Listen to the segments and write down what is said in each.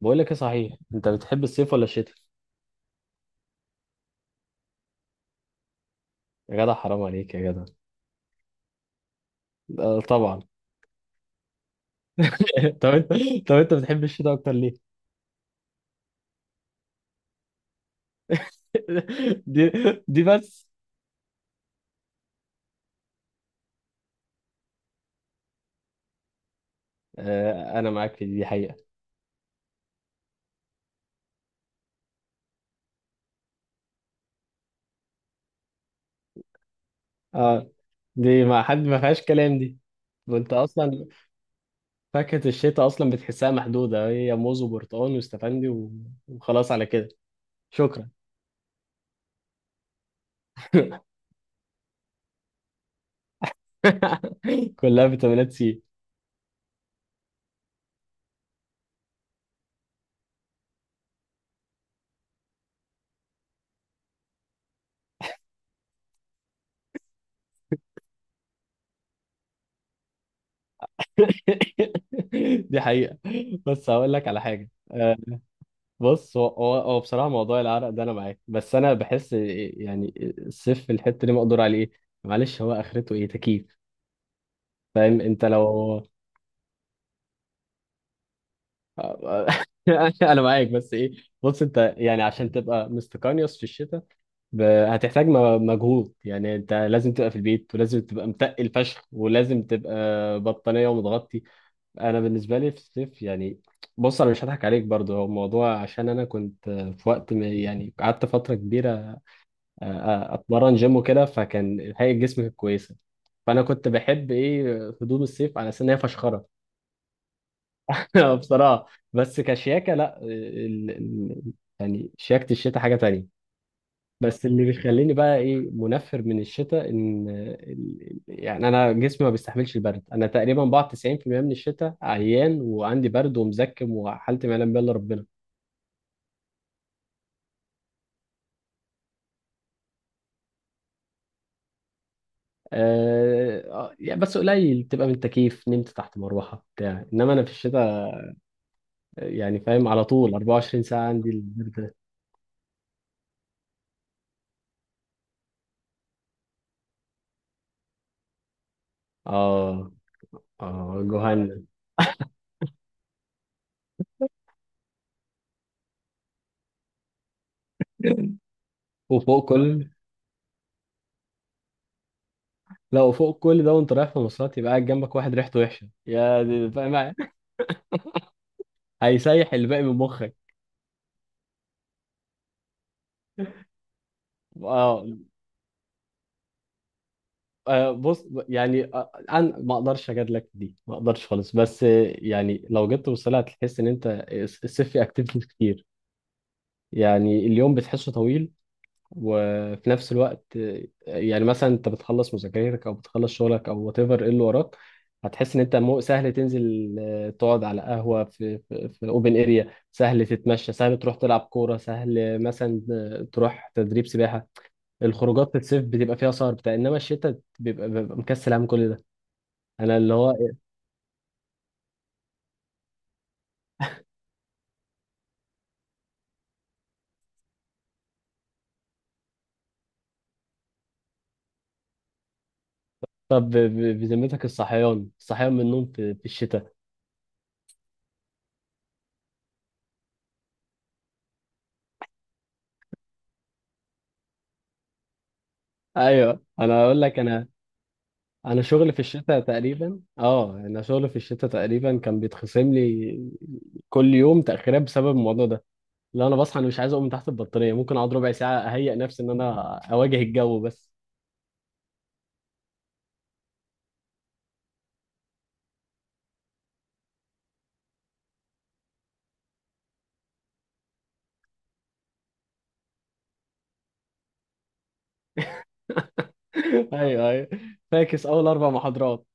بقول لك ايه صحيح انت بتحب الصيف ولا الشتاء؟ يا جدع حرام عليك يا جدع. آه، طبعا. طب انت طب انت بتحب الشتاء اكتر ليه؟ دي دي بس. آه، انا معاك في دي حقيقة. اه، دي ما حد ما فيهاش كلام دي. وانت اصلا فاكهة الشتاء اصلا بتحسها محدودة، هي موز وبرتقال واستفندي وخلاص على كده. شكرا. كلها فيتامينات سي. دي حقيقة. بس هقول لك على حاجة. بص هو بصراحة موضوع العرق ده أنا معاك، بس أنا بحس يعني الصيف في الحتة دي مقدور عليه. إيه معلش، هو آخرته إيه؟ تكييف. فاهم أنت؟ لو أنا معاك، بس إيه؟ بص أنت يعني عشان تبقى مستقانيوس في الشتاء هتحتاج مجهود. يعني أنت لازم تبقى في البيت، ولازم تبقى متقل فشخ، ولازم تبقى بطانية ومتغطي. أنا بالنسبة لي في الصيف يعني، بص أنا مش هضحك عليك برضو، هو الموضوع عشان أنا كنت في وقت يعني قعدت فترة كبيرة، اتمرن جيم وكده، فكان هيئه جسمي كانت كويسه. فانا كنت بحب ايه؟ هدوم الصيف على اساس ان هي فشخره. بصراحه، بس كشياكه لا يعني شياكه الشتاء حاجه تانية. بس اللي بيخليني بقى ايه منفر من الشتاء ان يعني انا جسمي ما بيستحملش البرد. انا تقريبا بقعد 90% من الشتاء عيان وعندي برد ومزكم، وحالتي ما يعلم بها الا ربنا. يعني بس قليل، بتبقى من تكييف نمت تحت مروحه بتاع، انما انا في الشتاء يعني فاهم على طول 24 ساعة عندي البرد ده. اه. اه جهنم. وفوق كل... لا، وفوق كل ده وانت رايح في مواصلات يبقى قاعد جنبك واحد ريحته وحشة، يا دي! فاهم يعني؟ هيسيح الباقي من مخك. اه. بص يعني، انا ما اقدرش اجادلك في دي، ما اقدرش خالص، بس يعني لو جيت توصلها هتحس ان انت الصيف فيه اكتيفيتيز كتير. يعني اليوم بتحسه طويل، وفي نفس الوقت يعني مثلا انت بتخلص مذاكرتك او بتخلص شغلك او وات ايفر ايه اللي وراك، هتحس ان انت مو سهل تنزل، تقعد على قهوه في اوبن اريا، سهل تتمشى، سهل تروح تلعب كوره، سهل مثلا تروح تدريب سباحه. الخروجات في الصيف بتبقى فيها سهر بتاع، انما الشتاء بيبقى مكسل عن كل ده. انا اللي هو إيه؟ طب بذمتك، الصحيان الصحيان من النوم في الشتاء؟ ايوه. انا اقول لك، انا شغل في الشتاء تقريبا كان بيتخصم لي كل يوم تاخيرات بسبب الموضوع ده. لا، انا بصحى، انا مش عايز اقوم من تحت البطاريه. ممكن اقعد ربع ساعه اهيئ نفسي ان انا اواجه الجو بس. ايوه، ايوه. فاكس اول 4 محاضرات.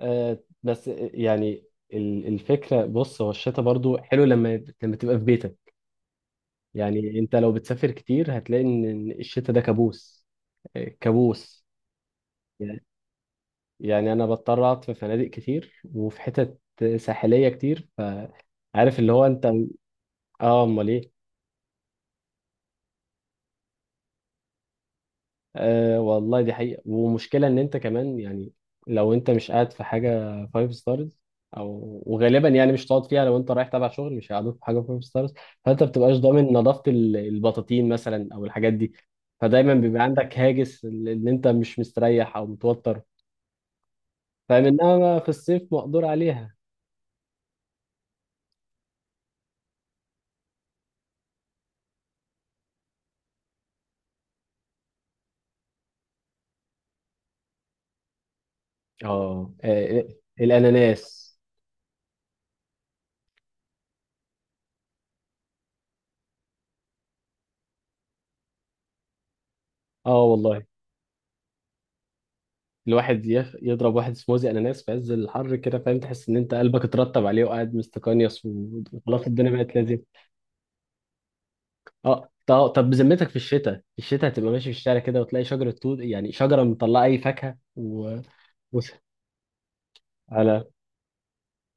بس يعني، الفكره، بص هو الشتاء برضو حلو لما تبقى في بيتك. يعني انت لو بتسافر كتير هتلاقي إن الشتاء ده كابوس، آه كابوس. يعني انا بضطر اقعد في فنادق كتير وفي حتت ساحليه كتير، فعارف اللي هو انت. اه، امال ايه؟ آه والله دي حقيقه. ومشكله ان انت كمان يعني لو انت مش قاعد في حاجه فايف ستارز، او وغالبا يعني مش هتقعد فيها، لو انت رايح تبع شغل مش هيقعدوك في حاجه فايف ستارز. فانت ما بتبقاش ضامن نظافه البطاطين مثلا او الحاجات دي، فدايما بيبقى عندك هاجس ان انت مش مستريح او متوتر. فمن انما في الصيف مقدور عليها. اه. آه، الاناناس. اه والله، الواحد يضرب واحد سموزي اناناس في عز الحر كده، فاهم؟ تحس ان انت قلبك اترطب عليه، وقاعد مستقنيص، وخلاص الدنيا بقت لذيذه. اه طب بذمتك، في الشتاء هتبقى ماشي في الشارع كده وتلاقي شجره توت؟ يعني شجره مطلعه اي فاكهه بص، انا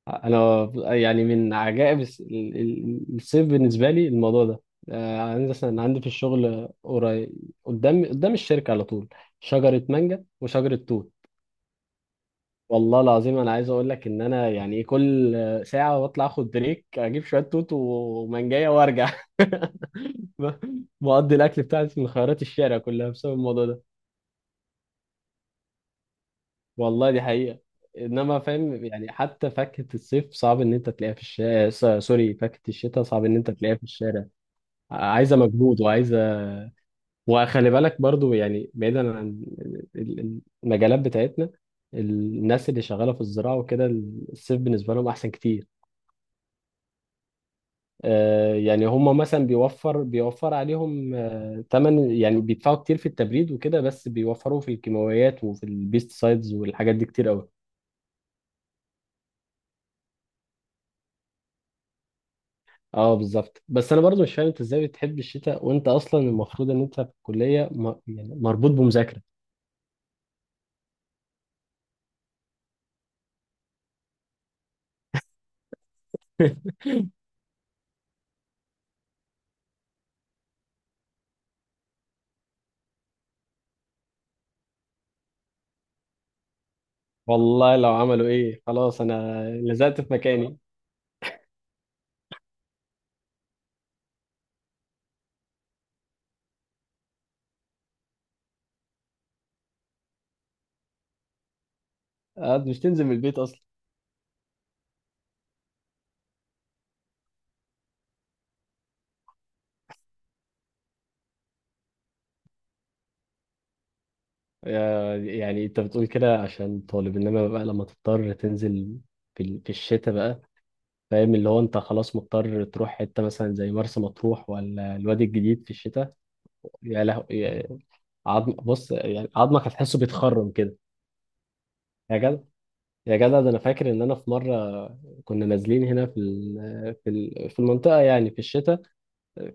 انا يعني من عجائب الصيف بالنسبه لي الموضوع ده. آه، عندي مثلا، عندي في الشغل قريب، قدام الشركه على طول، شجره مانجا وشجره توت. والله العظيم انا عايز اقول لك ان انا يعني إيه؟ كل ساعه بطلع اخد بريك، اجيب شويه توت ومانجايه وارجع. بقضي الاكل بتاعتي من خيارات الشارع كلها بسبب الموضوع ده. والله دي حقيقه. انما فاهم يعني حتى فاكهه الصيف صعب ان انت تلاقيها في الشارع، سوري، فاكهه الشتاء صعب ان انت تلاقيها في الشارع، عايزه مجهود وعايزه. وخلي بالك برضو يعني بعيدا عن المجالات بتاعتنا، الناس اللي شغاله في الزراعه وكده، الصيف بالنسبه لهم احسن كتير. آه، يعني هم مثلا بيوفر عليهم آه تمن، يعني بيدفعوا كتير في التبريد وكده، بس بيوفروا في الكيماويات وفي البيست سايدز والحاجات دي كتير قوي. اه بالظبط. بس انا برضو مش فاهم انت ازاي بتحب الشتاء وانت اصلا المفروض ان انت في الكليه يعني مربوط بمذاكره. والله لو عملوا ايه خلاص، انا لزقت في مكاني. آه، مش تنزل من البيت اصلا. آه، يعني انت بتقول كده عشان طالب، انما بقى لما تضطر تنزل في الشتاء بقى، فاهم؟ اللي هو انت خلاص مضطر تروح حتة مثلا زي مرسى مطروح ولا الوادي الجديد في الشتاء، يا لهو! عظم، بص يعني عظمك هتحسه بيتخرم كده. يا جدع، يا جدع، ده انا فاكر ان انا في مرة كنا نازلين هنا في المنطقة يعني في الشتاء،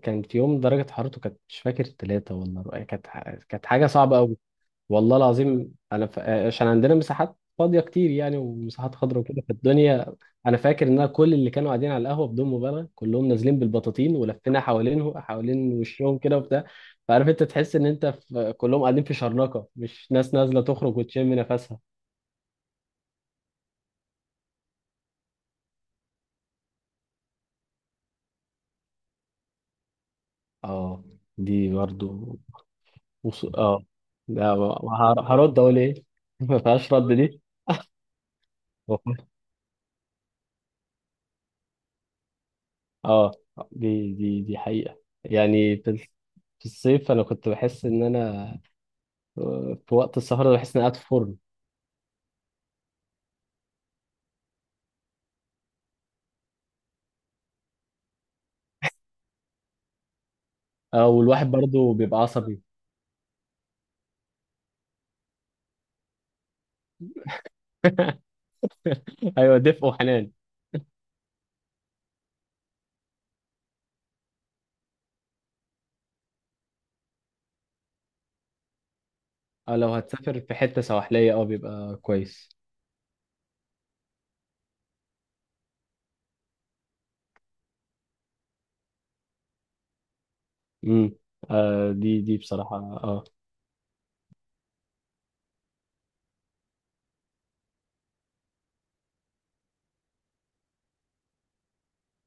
كان في يوم درجة حرارته كانت مش فاكر 3 ولا كانت كانت حاجة صعبة قوي. والله العظيم انا عشان عندنا مساحات فاضيه كتير يعني، ومساحات خضراء وكده في الدنيا، انا فاكر ان أنا كل اللي كانوا قاعدين على القهوه بدون مبالغه كلهم نازلين بالبطاطين، ولفينا حوالين وشهم كده وبتاع. فعارف انت تحس ان انت كلهم قاعدين في شرنقه، مش ناس نازله تخرج وتشم نفسها. اه، دي برضو. اه لا، ما هرد اقول ايه؟ ما فيهاش رد دي. اه، دي حقيقه. يعني في الصيف انا كنت بحس ان انا في وقت السهرة بحس إني قاعد في فرن. أو الواحد برضه بيبقى عصبي. أيوة، دفء وحنان. أو لو هتسافر في حتة سواحلية بيبقى كويس. امم، آه، دي بصراحة.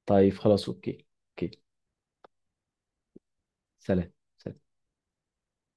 طيب خلاص، أوكي. أوكي. سلام.